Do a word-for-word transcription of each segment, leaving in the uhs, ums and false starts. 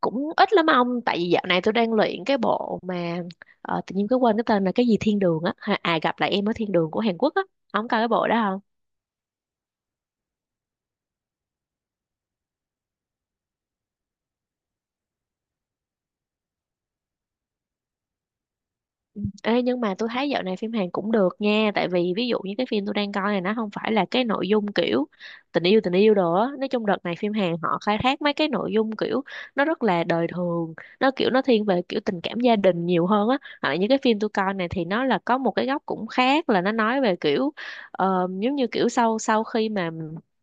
Cũng ít lắm ông tại vì dạo này tôi đang luyện cái bộ mà ờ, tự nhiên cứ quên cái tên là cái gì thiên đường á. Ha- à, gặp lại em ở thiên đường của Hàn Quốc á, ông coi cái bộ đó. Ừ. Ê, nhưng mà tôi thấy dạo này phim Hàn cũng được nha, tại vì ví dụ như cái phim tôi đang coi này nó không phải là cái nội dung kiểu tình yêu tình yêu đồ á. Nói chung đợt này phim Hàn họ khai thác mấy cái nội dung kiểu nó rất là đời thường, nó kiểu nó thiên về kiểu tình cảm gia đình nhiều hơn á, hoặc là những cái phim tôi coi này thì nó là có một cái góc cũng khác, là nó nói về kiểu ờ, giống như kiểu sau sau khi mà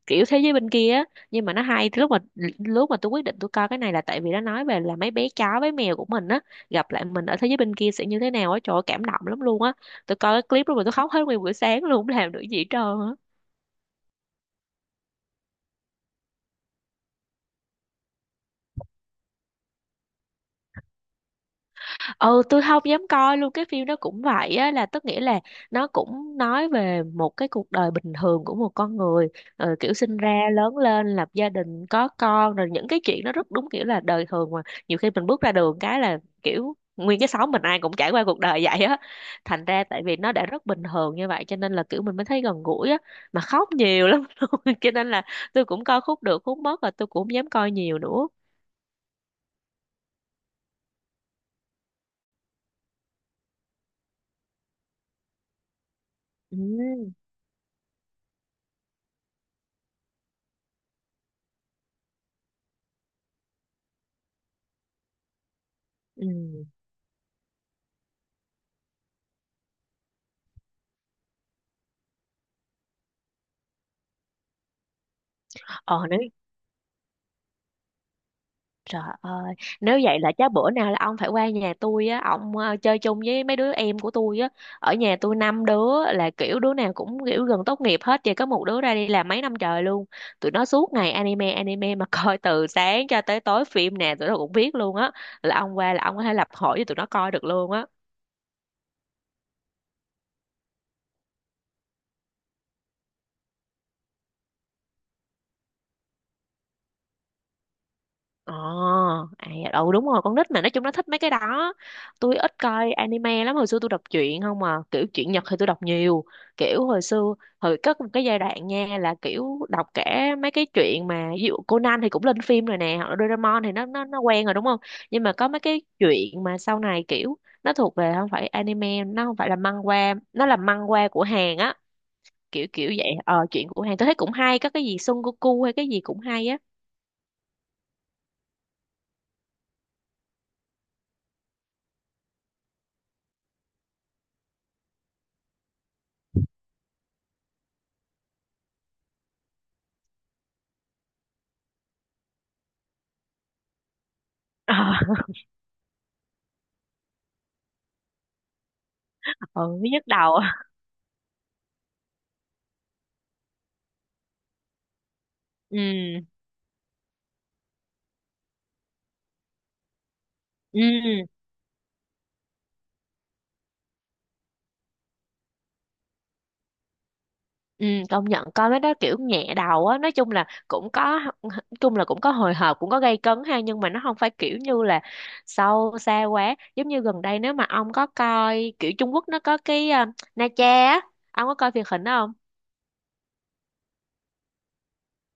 kiểu thế giới bên kia á. Nhưng mà nó hay, lúc mà lúc mà tôi quyết định tôi coi cái này là tại vì nó nói về là mấy bé chó bé mèo của mình á, gặp lại mình ở thế giới bên kia sẽ như thế nào á. Trời ơi, cảm động lắm luôn á. Tôi coi cái clip đó mà tôi khóc hết nguyên buổi sáng luôn, không làm được gì hết trơn á. Ừ, tôi không dám coi luôn. Cái phim đó cũng vậy á, là tức nghĩa là nó cũng nói về một cái cuộc đời bình thường của một con người. Ờ, kiểu sinh ra lớn lên lập gia đình có con, rồi những cái chuyện nó rất đúng kiểu là đời thường mà nhiều khi mình bước ra đường cái là kiểu nguyên cái xóm mình ai cũng trải qua cuộc đời vậy á. Thành ra tại vì nó đã rất bình thường như vậy cho nên là kiểu mình mới thấy gần gũi á, mà khóc nhiều lắm luôn cho nên là tôi cũng coi khúc được khúc mất, và tôi cũng không dám coi nhiều nữa. Ừ. Ừ. ờ Nếu, trời ơi, nếu vậy là chắc bữa nào là ông phải qua nhà tôi á, ông ờ, chơi chung với mấy đứa em của tôi á. Ở nhà tôi năm đứa là kiểu đứa nào cũng kiểu gần tốt nghiệp hết, chỉ có một đứa ra đi làm mấy năm trời luôn. Tụi nó suốt ngày anime anime mà coi từ sáng cho tới tối phim nè, tụi nó cũng biết luôn á. Là ông qua là ông có thể lập hội với tụi nó coi được luôn á. Ờ, à, dạ, ừ đúng rồi, con nít mà nói chung nó thích mấy cái đó. Tôi ít coi anime lắm, hồi xưa tôi đọc truyện không mà, kiểu truyện Nhật thì tôi đọc nhiều. Kiểu hồi xưa, hồi có một cái giai đoạn nha là kiểu đọc cả mấy cái truyện mà ví dụ Conan thì cũng lên phim rồi nè, hoặc là Doraemon thì nó nó nó quen rồi đúng không? Nhưng mà có mấy cái truyện mà sau này kiểu nó thuộc về không phải anime, nó không phải là manhwa, nó là manhwa của Hàn á, kiểu kiểu vậy. Ờ, truyện của Hàn tôi thấy cũng hay, có cái gì Son Goku hay cái gì cũng hay á. Ờ, ừ, nhức đầu. Ừ. Ừ. Ừ công nhận coi mấy đó kiểu nhẹ đầu á. Nói chung là cũng có, nói chung là cũng có hồi hộp, cũng có gây cấn ha, nhưng mà nó không phải kiểu như là sâu xa quá. Giống như gần đây nếu mà ông có coi kiểu Trung Quốc, nó có cái ờ, Na Cha á, ông có coi truyền hình đó không?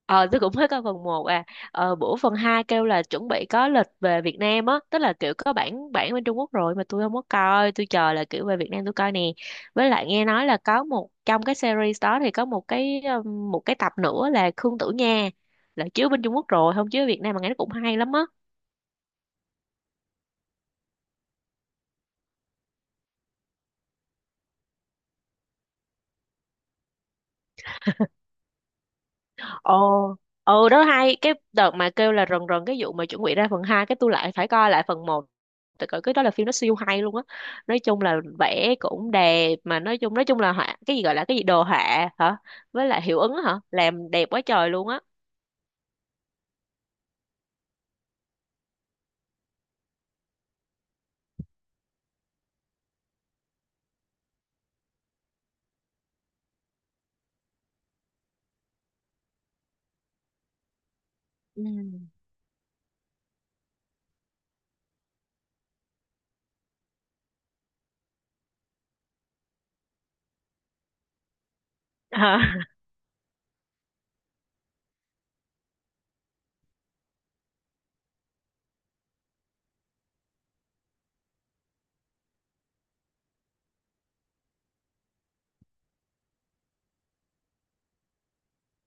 Ờ, tôi cũng mới coi phần một à. Ờ, bữa phần hai kêu là chuẩn bị có lịch về Việt Nam á, tức là kiểu có bản bản bên Trung Quốc rồi mà tôi không có coi, tôi chờ là kiểu về Việt Nam tôi coi nè. Với lại nghe nói là có một trong cái series đó thì có một cái um, một cái tập nữa là Khương Tử Nha, là chiếu bên Trung Quốc rồi, không chiếu ở Việt Nam mà nghe nó cũng hay lắm á. Ồ, ừ đó hay. Cái đợt mà kêu là rần rần cái vụ mà chuẩn bị ra phần hai cái tôi lại phải coi lại phần một, tại cỡ cái đó là phim nó siêu hay luôn á. Nói chung là vẽ cũng đẹp mà nói chung nói chung là họa, cái gì gọi là cái gì, đồ họa hả, với lại hiệu ứng hả, làm đẹp quá trời luôn á. Ừ. Hả?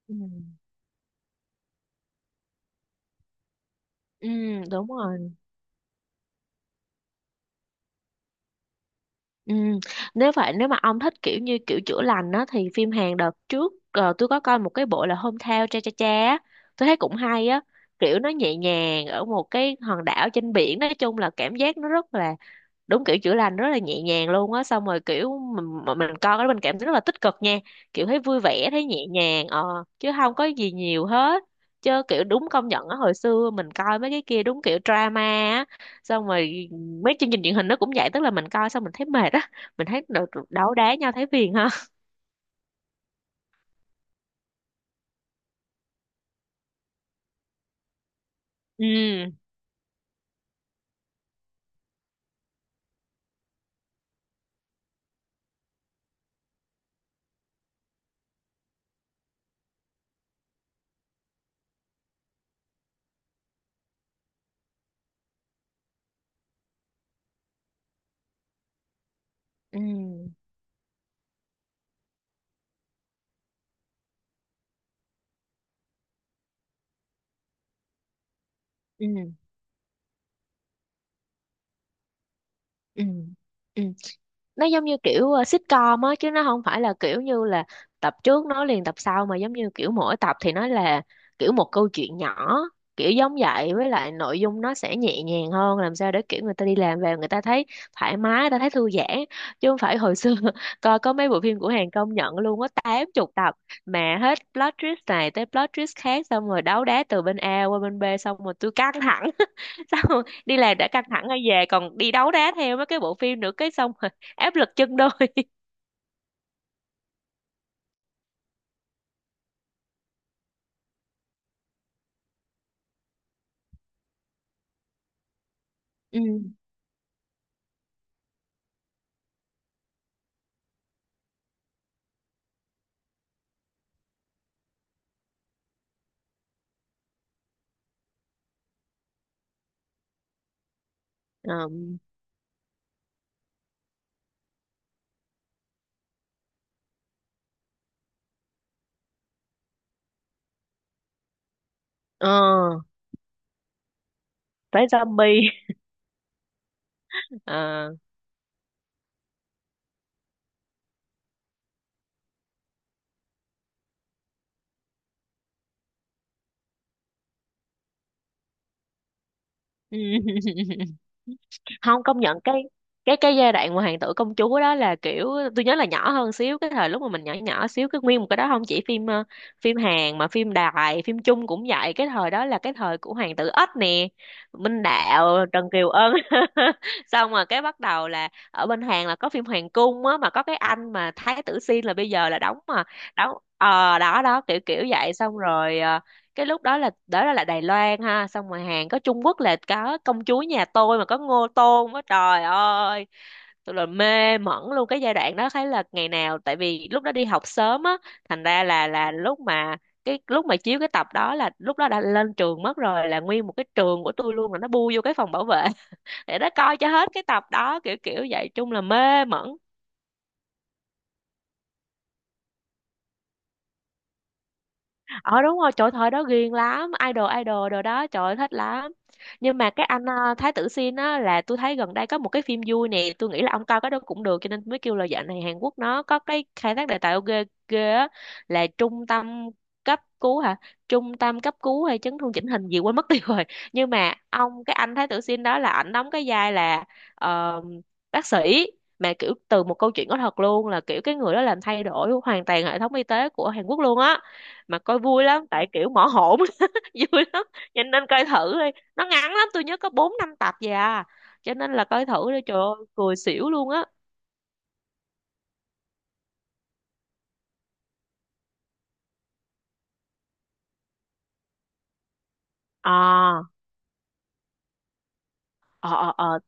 Ừ. Ừ đúng rồi. Ừ. Nếu vậy nếu mà ông thích kiểu như kiểu chữa lành á, thì phim Hàn đợt trước ờ, tôi có coi một cái bộ là hôm Hometown Cha Cha Cha á, tôi thấy cũng hay á. Kiểu nó nhẹ nhàng ở một cái hòn đảo trên biển, nói chung là cảm giác nó rất là đúng kiểu chữa lành, rất là nhẹ nhàng luôn á. Xong rồi kiểu mình mà mình coi cái mình cảm thấy rất là tích cực nha, kiểu thấy vui vẻ thấy nhẹ nhàng, ờ chứ không có gì nhiều hết. Chứ kiểu đúng công nhận á, hồi xưa mình coi mấy cái kia đúng kiểu drama á, xong rồi mấy chương trình truyền hình nó cũng vậy, tức là mình coi xong mình thấy mệt á, mình thấy đấu đá nhau thấy phiền ha. Ừ. Ừ. Ừ. Ừ. Ừ. Nó giống như kiểu ờ, sitcom á, chứ nó không phải là kiểu như là tập trước nói liền tập sau, mà giống như kiểu mỗi tập thì nó là kiểu một câu chuyện nhỏ, kiểu giống vậy. Với lại nội dung nó sẽ nhẹ nhàng hơn, làm sao để kiểu người ta đi làm về người ta thấy thoải mái, người ta thấy thư giãn, chứ không phải hồi xưa coi có mấy bộ phim của Hàn công nhận luôn có tám chục tập mà hết plot twist này tới plot twist khác, xong rồi đấu đá từ bên A qua bên B, xong rồi tôi căng thẳng xong rồi đi làm đã căng thẳng rồi về còn đi đấu đá theo mấy cái bộ phim nữa cái xong áp lực chân đôi. Ừ. Ờ. ờ, Tới zombie. Ờ. Ừ. Không công nhận cái, cái cái giai đoạn mà hoàng tử công chúa đó là kiểu tôi nhớ là nhỏ hơn xíu, cái thời lúc mà mình nhỏ nhỏ xíu, cái nguyên một cái đó không chỉ phim ờ, phim Hàn mà phim Đài phim Trung cũng vậy. Cái thời đó là cái thời của hoàng tử Ếch nè, Minh Đạo Trần Kiều Ân. Xong rồi cái bắt đầu là ở bên Hàn là có phim Hoàng cung á, mà có cái anh mà Thái tử Xin là bây giờ là đóng, mà đóng ờ đó đó kiểu kiểu vậy. Xong rồi ờ, cái lúc đó là đó là, là Đài Loan ha, xong rồi Hàn có, Trung Quốc là có công chúa nhà tôi mà có Ngô Tôn á, trời ơi tôi là mê mẩn luôn cái giai đoạn đó. Thấy là ngày nào tại vì lúc đó đi học sớm á, thành ra là là lúc mà, cái lúc mà chiếu cái tập đó là lúc đó đã lên trường mất rồi, là nguyên một cái trường của tôi luôn là nó bu vô cái phòng bảo vệ để nó coi cho hết cái tập đó, kiểu kiểu vậy, chung là mê mẩn. Ờ đúng rồi, trời thời đó ghiền lắm idol idol đồ đó, trời ơi thích lắm. Nhưng mà cái anh ờ, Thái Tử Sin á là tôi thấy gần đây có một cái phim vui nè, tôi nghĩ là ông coi cái đó cũng được, cho nên mới kêu là dạo này Hàn Quốc nó có cái khai thác đề tài ghê ghê á, là trung tâm cấp cứu hả, trung tâm cấp cứu hay chấn thương chỉnh hình gì quên mất tiêu rồi. Nhưng mà ông cái anh Thái Tử Sin đó là ảnh đóng cái vai là ờ, bác sĩ, mà kiểu từ một câu chuyện có thật luôn, là kiểu cái người đó làm thay đổi hoàn toàn hệ thống y tế của Hàn Quốc luôn á. Mà coi vui lắm tại kiểu mỏ hổn. Vui lắm, cho nên coi thử đi, nó ngắn lắm, tôi nhớ có bốn năm tập gì à, cho nên là coi thử đi, trời ơi cười xỉu luôn á. À. ờ ờ ờ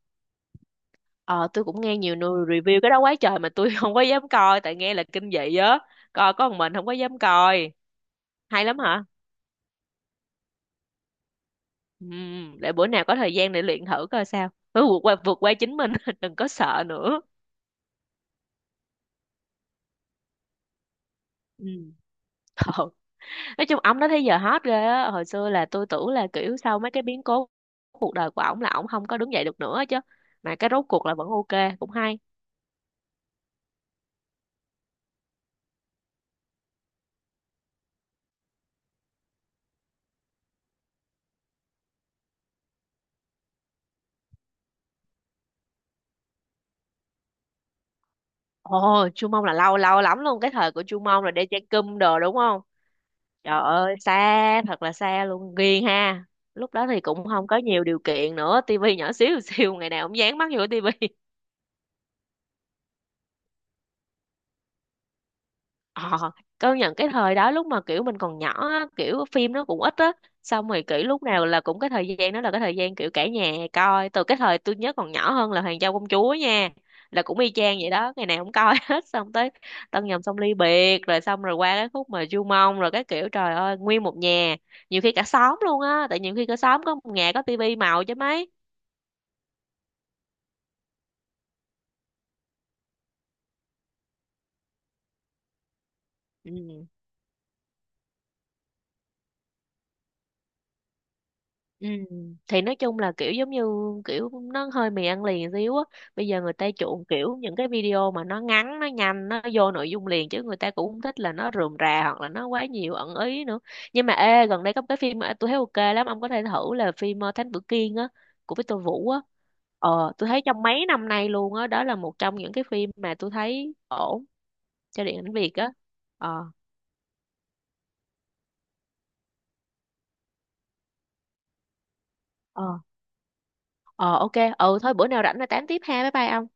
Ờ, tôi cũng nghe nhiều người review cái đó quá trời mà tôi không có dám coi tại nghe là kinh dị á, coi có một mình không có dám coi. Hay lắm hả? Ừ, để bữa nào có thời gian để luyện thử coi sao. Cứ vượt qua vượt qua chính mình, đừng có sợ nữa. Ừ. Ờ. Nói chung ổng đó tới giờ hot ghê á, hồi xưa là tôi tưởng là kiểu sau mấy cái biến cố cuộc đời của ổng là ổng không có đứng dậy được nữa chứ, mà cái rốt cuộc là vẫn ok cũng hay. Ồ, Chu Mông là lâu lâu lắm luôn, cái thời của Chu Mông là đeo chai cum đồ đúng không. Trời ơi xa thật là xa luôn, ghiền ha. Lúc đó thì cũng không có nhiều điều kiện nữa, tivi nhỏ xíu xíu, ngày nào cũng dán mắt vô tivi. Ờ, công nhận cái thời đó lúc mà kiểu mình còn nhỏ á, kiểu phim nó cũng ít á, xong rồi kiểu lúc nào là cũng cái thời gian đó là cái thời gian kiểu cả nhà coi. Từ cái thời tôi nhớ còn nhỏ hơn là Hoàng Châu Công Chúa nha, là cũng y chang vậy đó, ngày nào cũng coi hết, xong tới Tân Nhầm Xong Ly Biệt, rồi xong rồi qua cái khúc mà Du Mông rồi cái kiểu trời ơi nguyên một nhà, nhiều khi cả xóm luôn á, tại nhiều khi cả xóm có một nhà có tivi màu chứ mấy. Ừ. Ừ. Thì nói chung là kiểu giống như kiểu nó hơi mì ăn liền xíu á. Bây giờ người ta chuộng kiểu những cái video mà nó ngắn, nó nhanh, nó vô nội dung liền, chứ người ta cũng không thích là nó rườm rà hoặc là nó quá nhiều ẩn ý nữa. Nhưng mà ê, gần đây có một cái phim mà tôi thấy ok lắm, ông có thể thử là phim ờ, Thánh Tử Kiên á, của Victor Vũ á. Ờ, tôi thấy trong mấy năm nay luôn á, đó, là một trong những cái phim mà tôi thấy ổn cho điện ảnh Việt á. Ờ, ờ, ờ ok. Ừ thôi bữa nào rảnh là tám tiếp ha. Bye bye ông.